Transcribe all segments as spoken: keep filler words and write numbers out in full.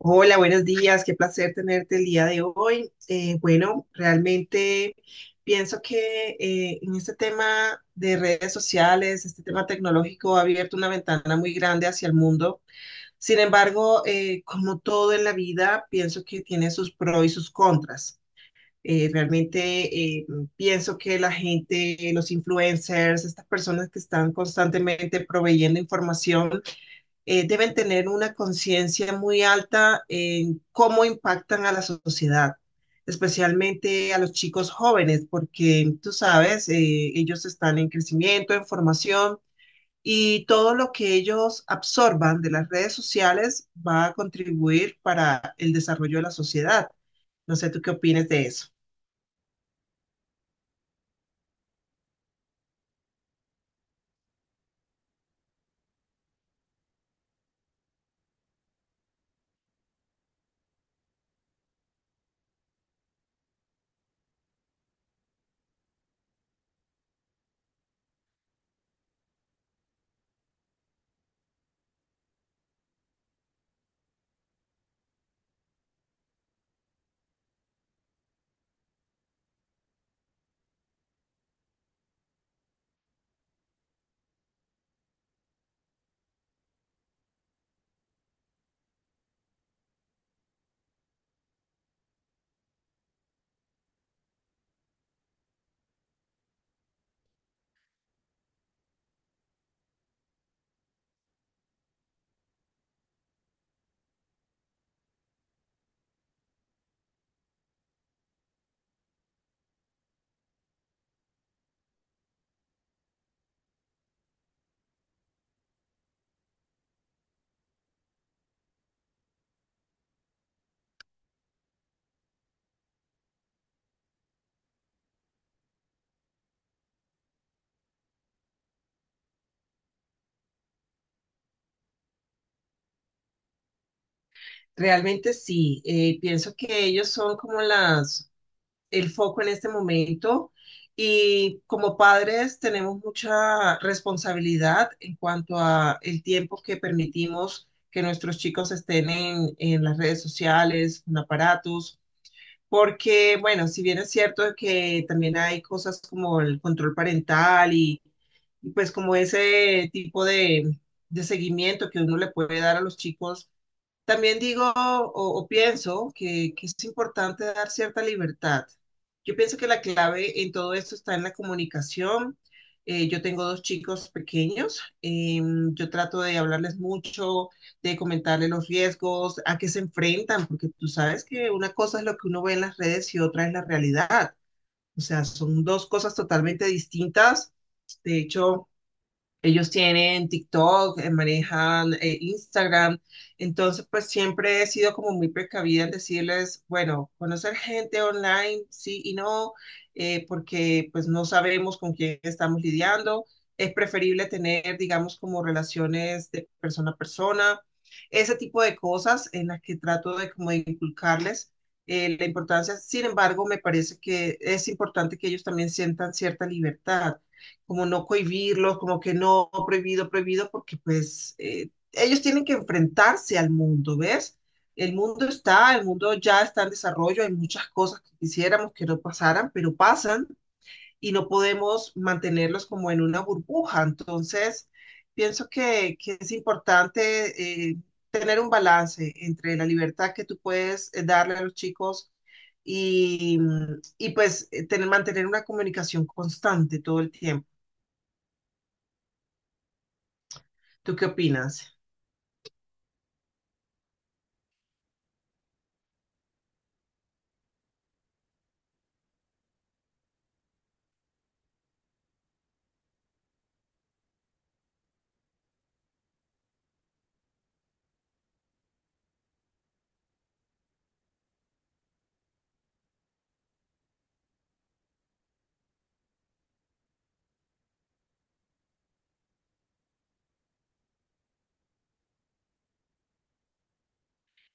Hola, buenos días, qué placer tenerte el día de hoy. Eh, bueno, realmente pienso que eh, en este tema de redes sociales, este tema tecnológico ha abierto una ventana muy grande hacia el mundo. Sin embargo, eh, como todo en la vida, pienso que tiene sus pros y sus contras. Eh, realmente eh, Pienso que la gente, los influencers, estas personas que están constantemente proveyendo información, eh, deben tener una conciencia muy alta en cómo impactan a la sociedad, especialmente a los chicos jóvenes, porque tú sabes, eh, ellos están en crecimiento, en formación y todo lo que ellos absorban de las redes sociales va a contribuir para el desarrollo de la sociedad. No sé, ¿tú qué opinas de eso? Realmente sí, eh, pienso que ellos son como las el foco en este momento y como padres tenemos mucha responsabilidad en cuanto a el tiempo que permitimos que nuestros chicos estén en, en las redes sociales, en aparatos, porque bueno, si bien es cierto que también hay cosas como el control parental y, y pues como ese tipo de, de seguimiento que uno le puede dar a los chicos también digo o, o pienso que, que es importante dar cierta libertad. Yo pienso que la clave en todo esto está en la comunicación. Eh, yo tengo dos chicos pequeños. Eh, yo trato de hablarles mucho, de comentarles los riesgos, a qué se enfrentan, porque tú sabes que una cosa es lo que uno ve en las redes y otra es la realidad. O sea, son dos cosas totalmente distintas. De hecho, ellos tienen TikTok, eh, manejan eh, Instagram, entonces pues siempre he sido como muy precavida en decirles, bueno, conocer gente online, sí y no, eh, porque pues no sabemos con quién estamos lidiando. Es preferible tener, digamos, como relaciones de persona a persona, ese tipo de cosas en las que trato de como de inculcarles eh, la importancia. Sin embargo, me parece que es importante que ellos también sientan cierta libertad como no cohibirlos, como que no, prohibido, prohibido, porque pues eh, ellos tienen que enfrentarse al mundo, ¿ves? El mundo está, el mundo ya está en desarrollo, hay muchas cosas que quisiéramos que no pasaran, pero pasan y no podemos mantenerlos como en una burbuja. Entonces, pienso que, que es importante eh, tener un balance entre la libertad que tú puedes eh, darle a los chicos y, y pues eh, tener, mantener una comunicación constante todo el tiempo. ¿Tú qué opinas?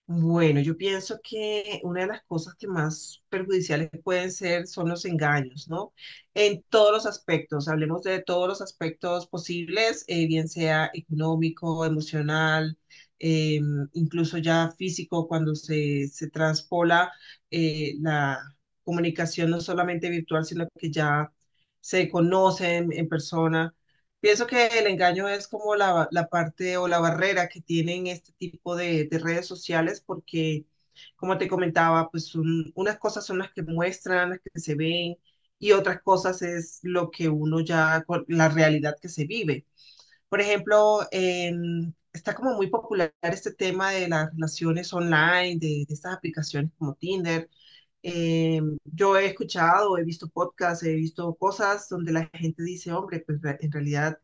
Bueno, yo pienso que una de las cosas que más perjudiciales pueden ser son los engaños, ¿no? En todos los aspectos, hablemos de todos los aspectos posibles, eh, bien sea económico, emocional, eh, incluso ya físico, cuando se, se transpola eh, la comunicación no solamente virtual, sino que ya se conocen en persona. Pienso que el engaño es como la, la parte o la barrera que tienen este tipo de, de redes sociales porque, como te comentaba, pues un- unas cosas son las que muestran, las que se ven y otras cosas es lo que uno ya, con la realidad que se vive. Por ejemplo, en- está como muy popular este tema de las relaciones online, de, de estas aplicaciones como Tinder. Eh, yo he escuchado, he visto podcasts, he visto cosas donde la gente dice, hombre, pues re- en realidad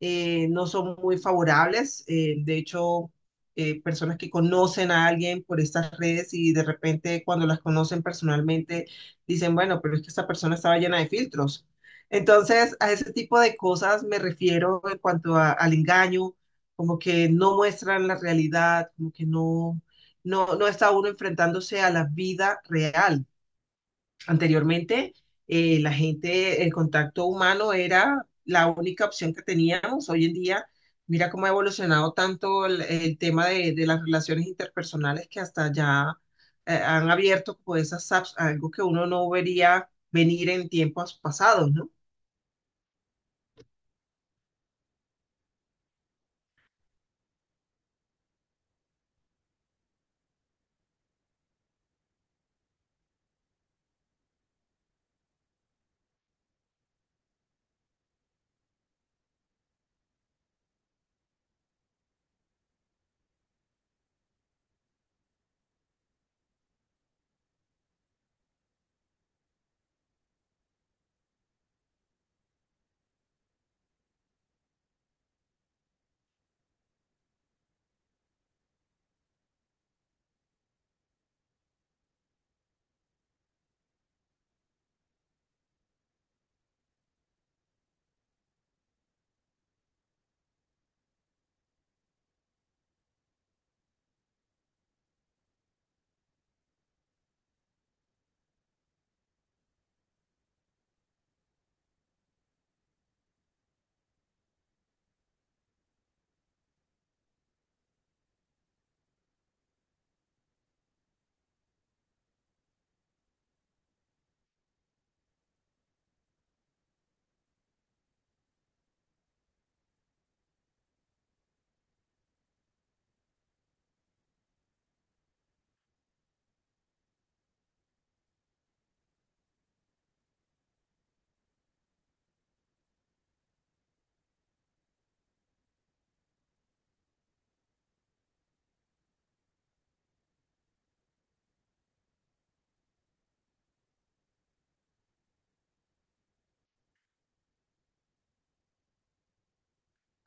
eh, no son muy favorables. Eh, de hecho, eh, personas que conocen a alguien por estas redes y de repente cuando las conocen personalmente dicen, bueno, pero es que esta persona estaba llena de filtros. Entonces, a ese tipo de cosas me refiero en cuanto a- al engaño, como que no muestran la realidad, como que no, no, no está uno enfrentándose a la vida real. Anteriormente, eh, la gente, el contacto humano era la única opción que teníamos. Hoy en día, mira cómo ha evolucionado tanto el, el tema de, de las relaciones interpersonales que hasta ya eh, han abierto como esas apps, algo que uno no vería venir en tiempos pasados, ¿no?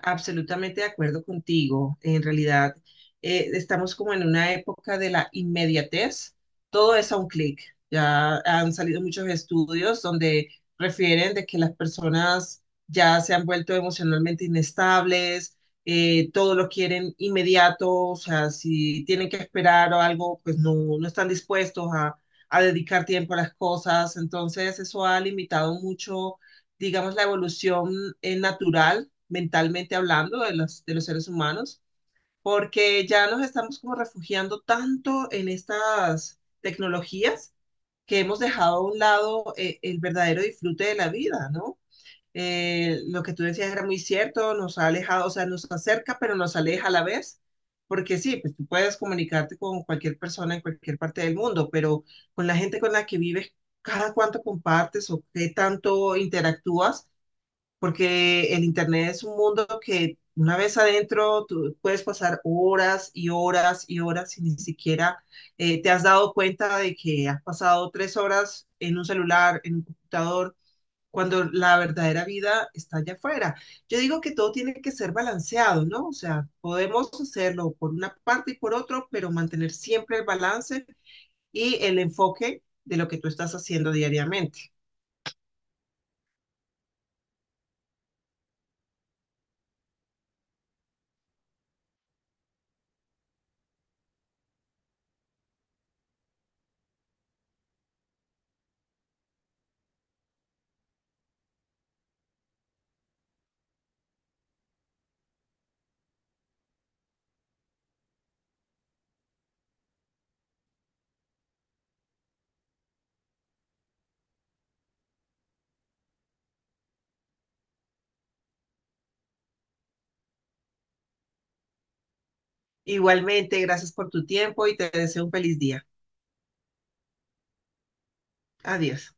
Absolutamente de acuerdo contigo. En realidad, eh, estamos como en una época de la inmediatez. Todo es a un clic. Ya han salido muchos estudios donde refieren de que las personas ya se han vuelto emocionalmente inestables, eh, todo lo quieren inmediato, o sea, si tienen que esperar o algo, pues no, no están dispuestos a, a dedicar tiempo a las cosas. Entonces, eso ha limitado mucho, digamos, la evolución, eh, natural mentalmente hablando de los, de los seres humanos, porque ya nos estamos como refugiando tanto en estas tecnologías que hemos dejado a un lado eh, el verdadero disfrute de la vida, ¿no? Eh, lo que tú decías era muy cierto, nos ha alejado, o sea, nos acerca, pero nos aleja a la vez, porque sí, pues tú puedes comunicarte con cualquier persona en cualquier parte del mundo, pero con la gente con la que vives, cada cuánto compartes o qué tanto interactúas porque el Internet es un mundo que una vez adentro tú puedes pasar horas y horas y horas y ni siquiera eh, te has dado cuenta de que has pasado tres horas en un celular, en un computador, cuando la verdadera vida está allá afuera. Yo digo que todo tiene que ser balanceado, ¿no? O sea, podemos hacerlo por una parte y por otro, pero mantener siempre el balance y el enfoque de lo que tú estás haciendo diariamente. Igualmente, gracias por tu tiempo y te deseo un feliz día. Adiós.